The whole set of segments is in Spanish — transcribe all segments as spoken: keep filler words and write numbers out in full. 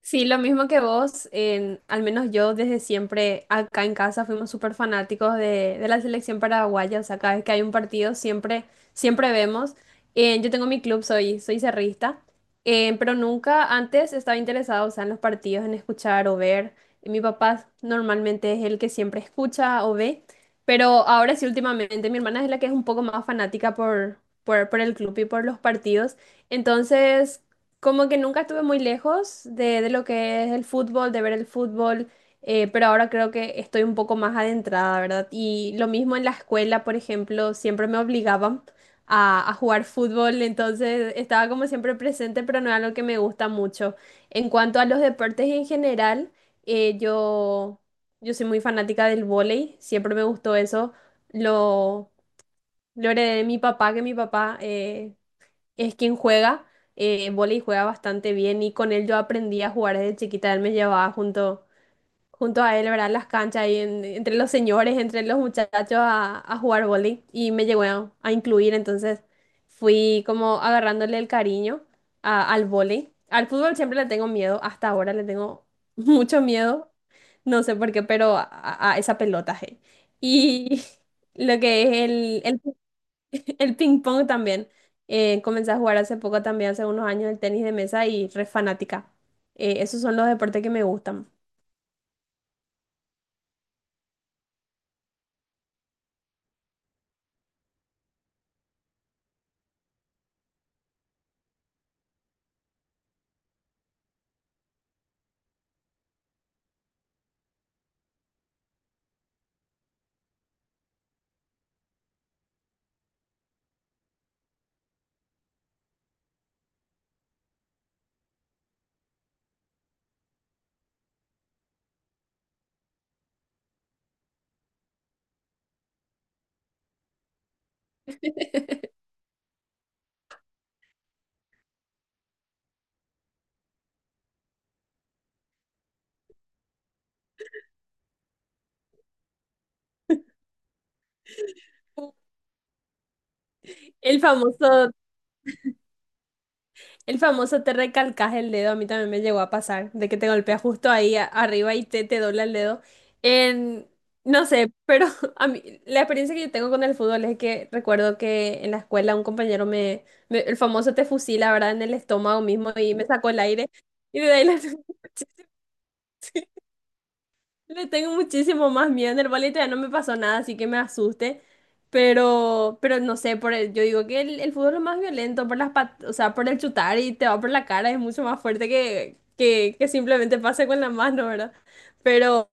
Sí, lo mismo que vos, en- al menos yo desde siempre acá en casa fuimos súper fanáticos de, de la selección paraguaya, o sea, cada vez que hay un partido siempre, siempre vemos. Eh, yo tengo mi club, soy, soy cerrista, eh, pero nunca antes estaba interesado, o sea, en los partidos, en escuchar o ver. Y mi papá normalmente es el que siempre escucha o ve, pero ahora sí últimamente mi hermana es la que es un poco más fanática por, por, por el club y por los partidos. Entonces... Como que nunca estuve muy lejos de, de lo que es el fútbol, de ver el fútbol, eh, pero ahora creo que estoy un poco más adentrada, ¿verdad? Y lo mismo en la escuela, por ejemplo, siempre me obligaban a, a jugar fútbol, entonces estaba como siempre presente, pero no era algo que me gusta mucho. En cuanto a los deportes en general, eh, yo, yo soy muy fanática del vóley, siempre me gustó eso, lo, lo heredé de mi papá, que mi papá... eh, es quien juega eh, vóley y juega bastante bien y con él yo aprendí a jugar desde chiquita. Él me llevaba junto, junto a él, ¿verdad? En las canchas y en- entre los señores, entre los muchachos a, a jugar vóley y me llegó a, a incluir. Entonces fui como agarrándole el cariño a- al vóley. Al fútbol siempre le tengo miedo, hasta ahora le tengo mucho miedo, no sé por qué, pero a, a- a esa pelota. Je. Y lo que es el, el el ping pong también. Eh, comencé a jugar hace poco también, hace unos años, el tenis de mesa y re fanática. Eh, esos son los deportes que me gustan. El famoso, el famoso te recalcas el dedo, a mí también me llegó a pasar, de que te golpea justo ahí a- arriba y te, te dobla el dedo. En, no sé, pero a mí, la experiencia que yo tengo con el fútbol es que recuerdo que en la escuela un compañero me, me- el famoso te fusila, ¿verdad? En el estómago mismo y me sacó el aire y de ahí la... Le tengo muchísimo más miedo. En el ballet ya no me pasó nada, así que me asuste. Pero, pero no sé, por el- yo digo que el, el fútbol es más violento por las pat- o sea, por el chutar y te va por la cara, es mucho más fuerte que, que, que simplemente pase con la mano, ¿verdad? Pero,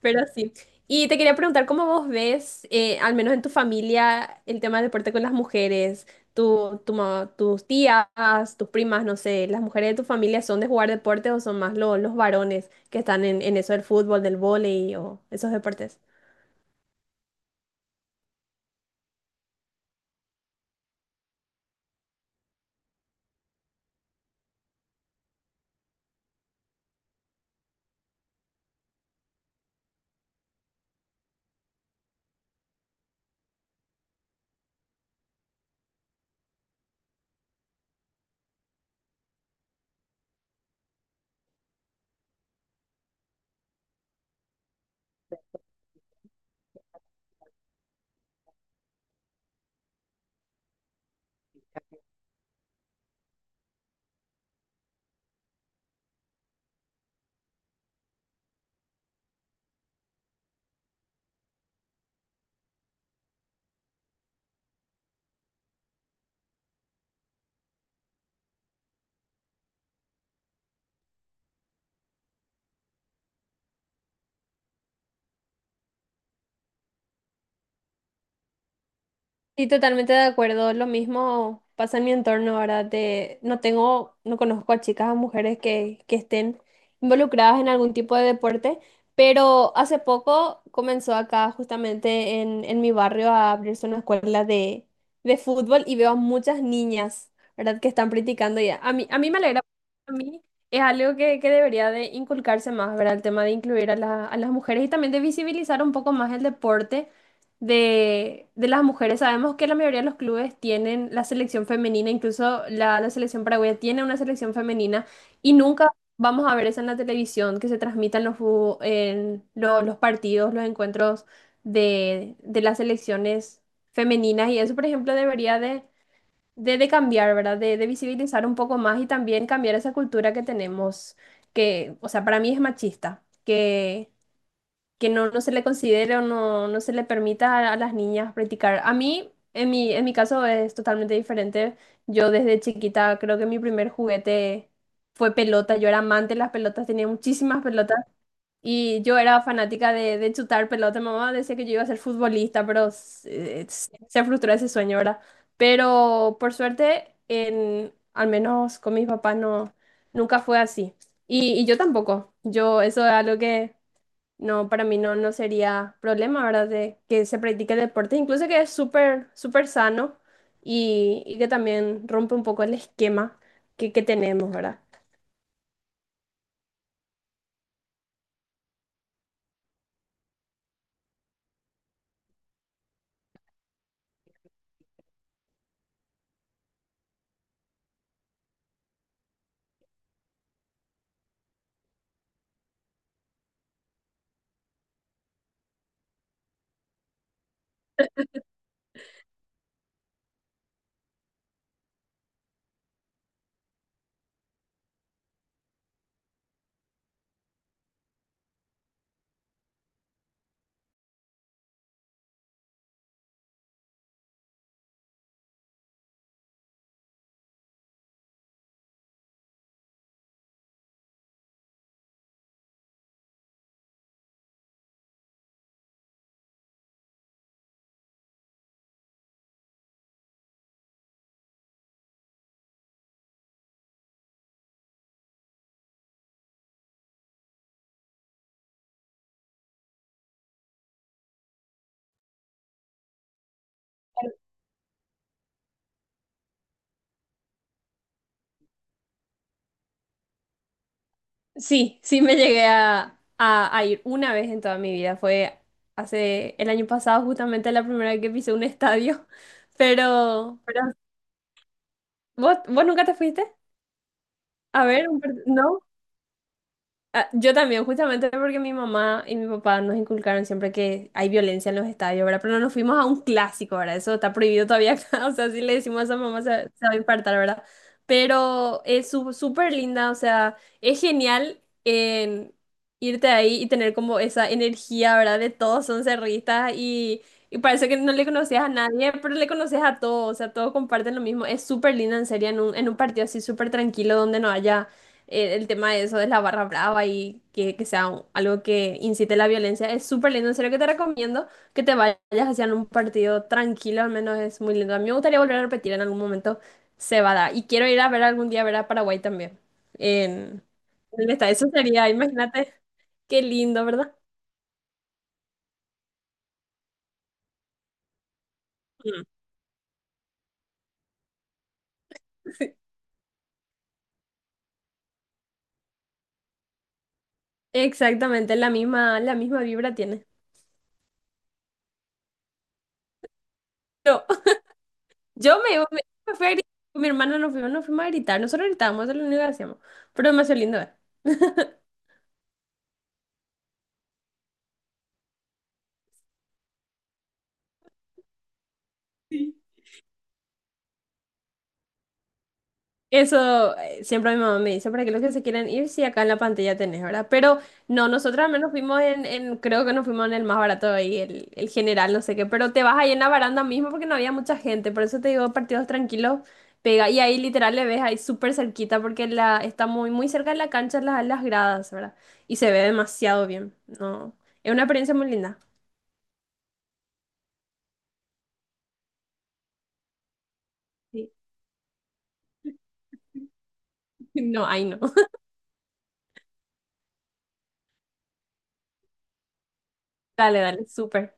pero sí. Y te quería preguntar, ¿cómo vos ves, eh, al menos en tu familia, el tema del deporte con las mujeres? tu, tu ma- tus tías, tus primas, no sé, ¿las mujeres de tu familia son de jugar deportes o son más lo- los varones que están en, en eso del fútbol, del vóley o esos deportes? Sí, totalmente de acuerdo. Lo mismo pasa en mi entorno ahora. De, no tengo, no conozco a chicas o mujeres que, que estén involucradas en algún tipo de deporte, pero hace poco comenzó acá justamente en, en mi barrio a abrirse una escuela de, de fútbol y veo a muchas niñas, ¿verdad? Que están practicando y a mí, a mí me alegra. A mí es algo que, que debería de inculcarse más, ¿verdad? El tema de incluir a la- a las mujeres y también de visibilizar un poco más el deporte de, de las mujeres. Sabemos que la mayoría de los clubes tienen la selección femenina, incluso la, la selección paraguaya tiene una selección femenina y nunca vamos a ver eso en la televisión que se transmitan los, fu- en lo- los partidos, los encuentros de, de las selecciones femeninas y eso, por ejemplo, debería de, de, de cambiar, ¿verdad? De, de visibilizar un poco más y también cambiar esa cultura que tenemos, que, o sea, para mí es machista que no, no se le considere o no, no se le permita a, a las niñas practicar. A mí, en mi, en mi caso, es totalmente diferente. Yo desde chiquita creo que mi primer juguete fue pelota. Yo era amante de las pelotas, tenía muchísimas pelotas y yo era fanática de, de chutar pelota. Mi mamá decía que yo iba a ser futbolista, pero se, se frustró ese sueño, ¿verdad? Pero por suerte, en, al menos con mis papás, no, nunca fue así. Y, y yo tampoco. Yo, eso es algo que... No, para mí no, no sería problema, ¿verdad? De que se practique el deporte, incluso que es súper, súper sano y, y que también rompe un poco el esquema que, que tenemos, ¿verdad? Sí, sí me llegué a, a, a ir una vez en toda mi vida. Fue hace el año pasado, justamente la primera vez que pisé un estadio. Pero, pero ¿vos, vos nunca te fuiste? A ver, un, par- no? Ah, yo también, justamente porque mi mamá y mi papá nos inculcaron siempre que hay violencia en los estadios, ¿verdad? Pero no nos fuimos a un clásico, ¿verdad? Eso está prohibido todavía acá, o sea, si le decimos a esa mamá se, se va a infartar, ¿verdad? Pero es su- súper linda, o sea, es genial en irte ahí y tener como esa energía, ¿verdad? De todos son cerristas y, y parece que no le conocías a nadie, pero le conoces a todos, o sea, todos comparten lo mismo. Es súper linda, en serio, en un, en un partido así súper tranquilo donde no haya eh, el tema de eso de la barra brava y que, que sea un- algo que incite la violencia. Es súper lindo, en serio que te recomiendo que te vayas hacia un partido tranquilo, al menos es muy lindo. A mí me gustaría volver a repetir en algún momento Cebada. Y quiero ir a ver algún día ver a Paraguay también. En, en el estadio. Eso sería, imagínate, qué lindo, ¿verdad? Mm. Exactamente, la misma, la misma vibra tiene. Yo, yo me, me- me fui a gritar, con mi hermana nos fuimos, nos fuimos a gritar, nosotros gritábamos, eso es lo único que hacíamos, pero demasiado lindo, ¿eh? Eso eh, siempre mi mamá me dice, para que los que se quieran ir, si acá en la pantalla tenés, ¿verdad? Pero no, nosotros al menos fuimos en, en- creo que nos fuimos en el más barato ahí, el, el general, no sé qué, pero te vas ahí en la baranda mismo porque no había mucha gente, por eso te digo, partidos tranquilos, pega, y ahí literal le ves ahí súper cerquita porque la, está muy, muy cerca de la cancha, las, las gradas, ¿verdad? Y se ve demasiado bien, no, es una experiencia muy linda. Sí. No, ahí no. Dale, dale, súper.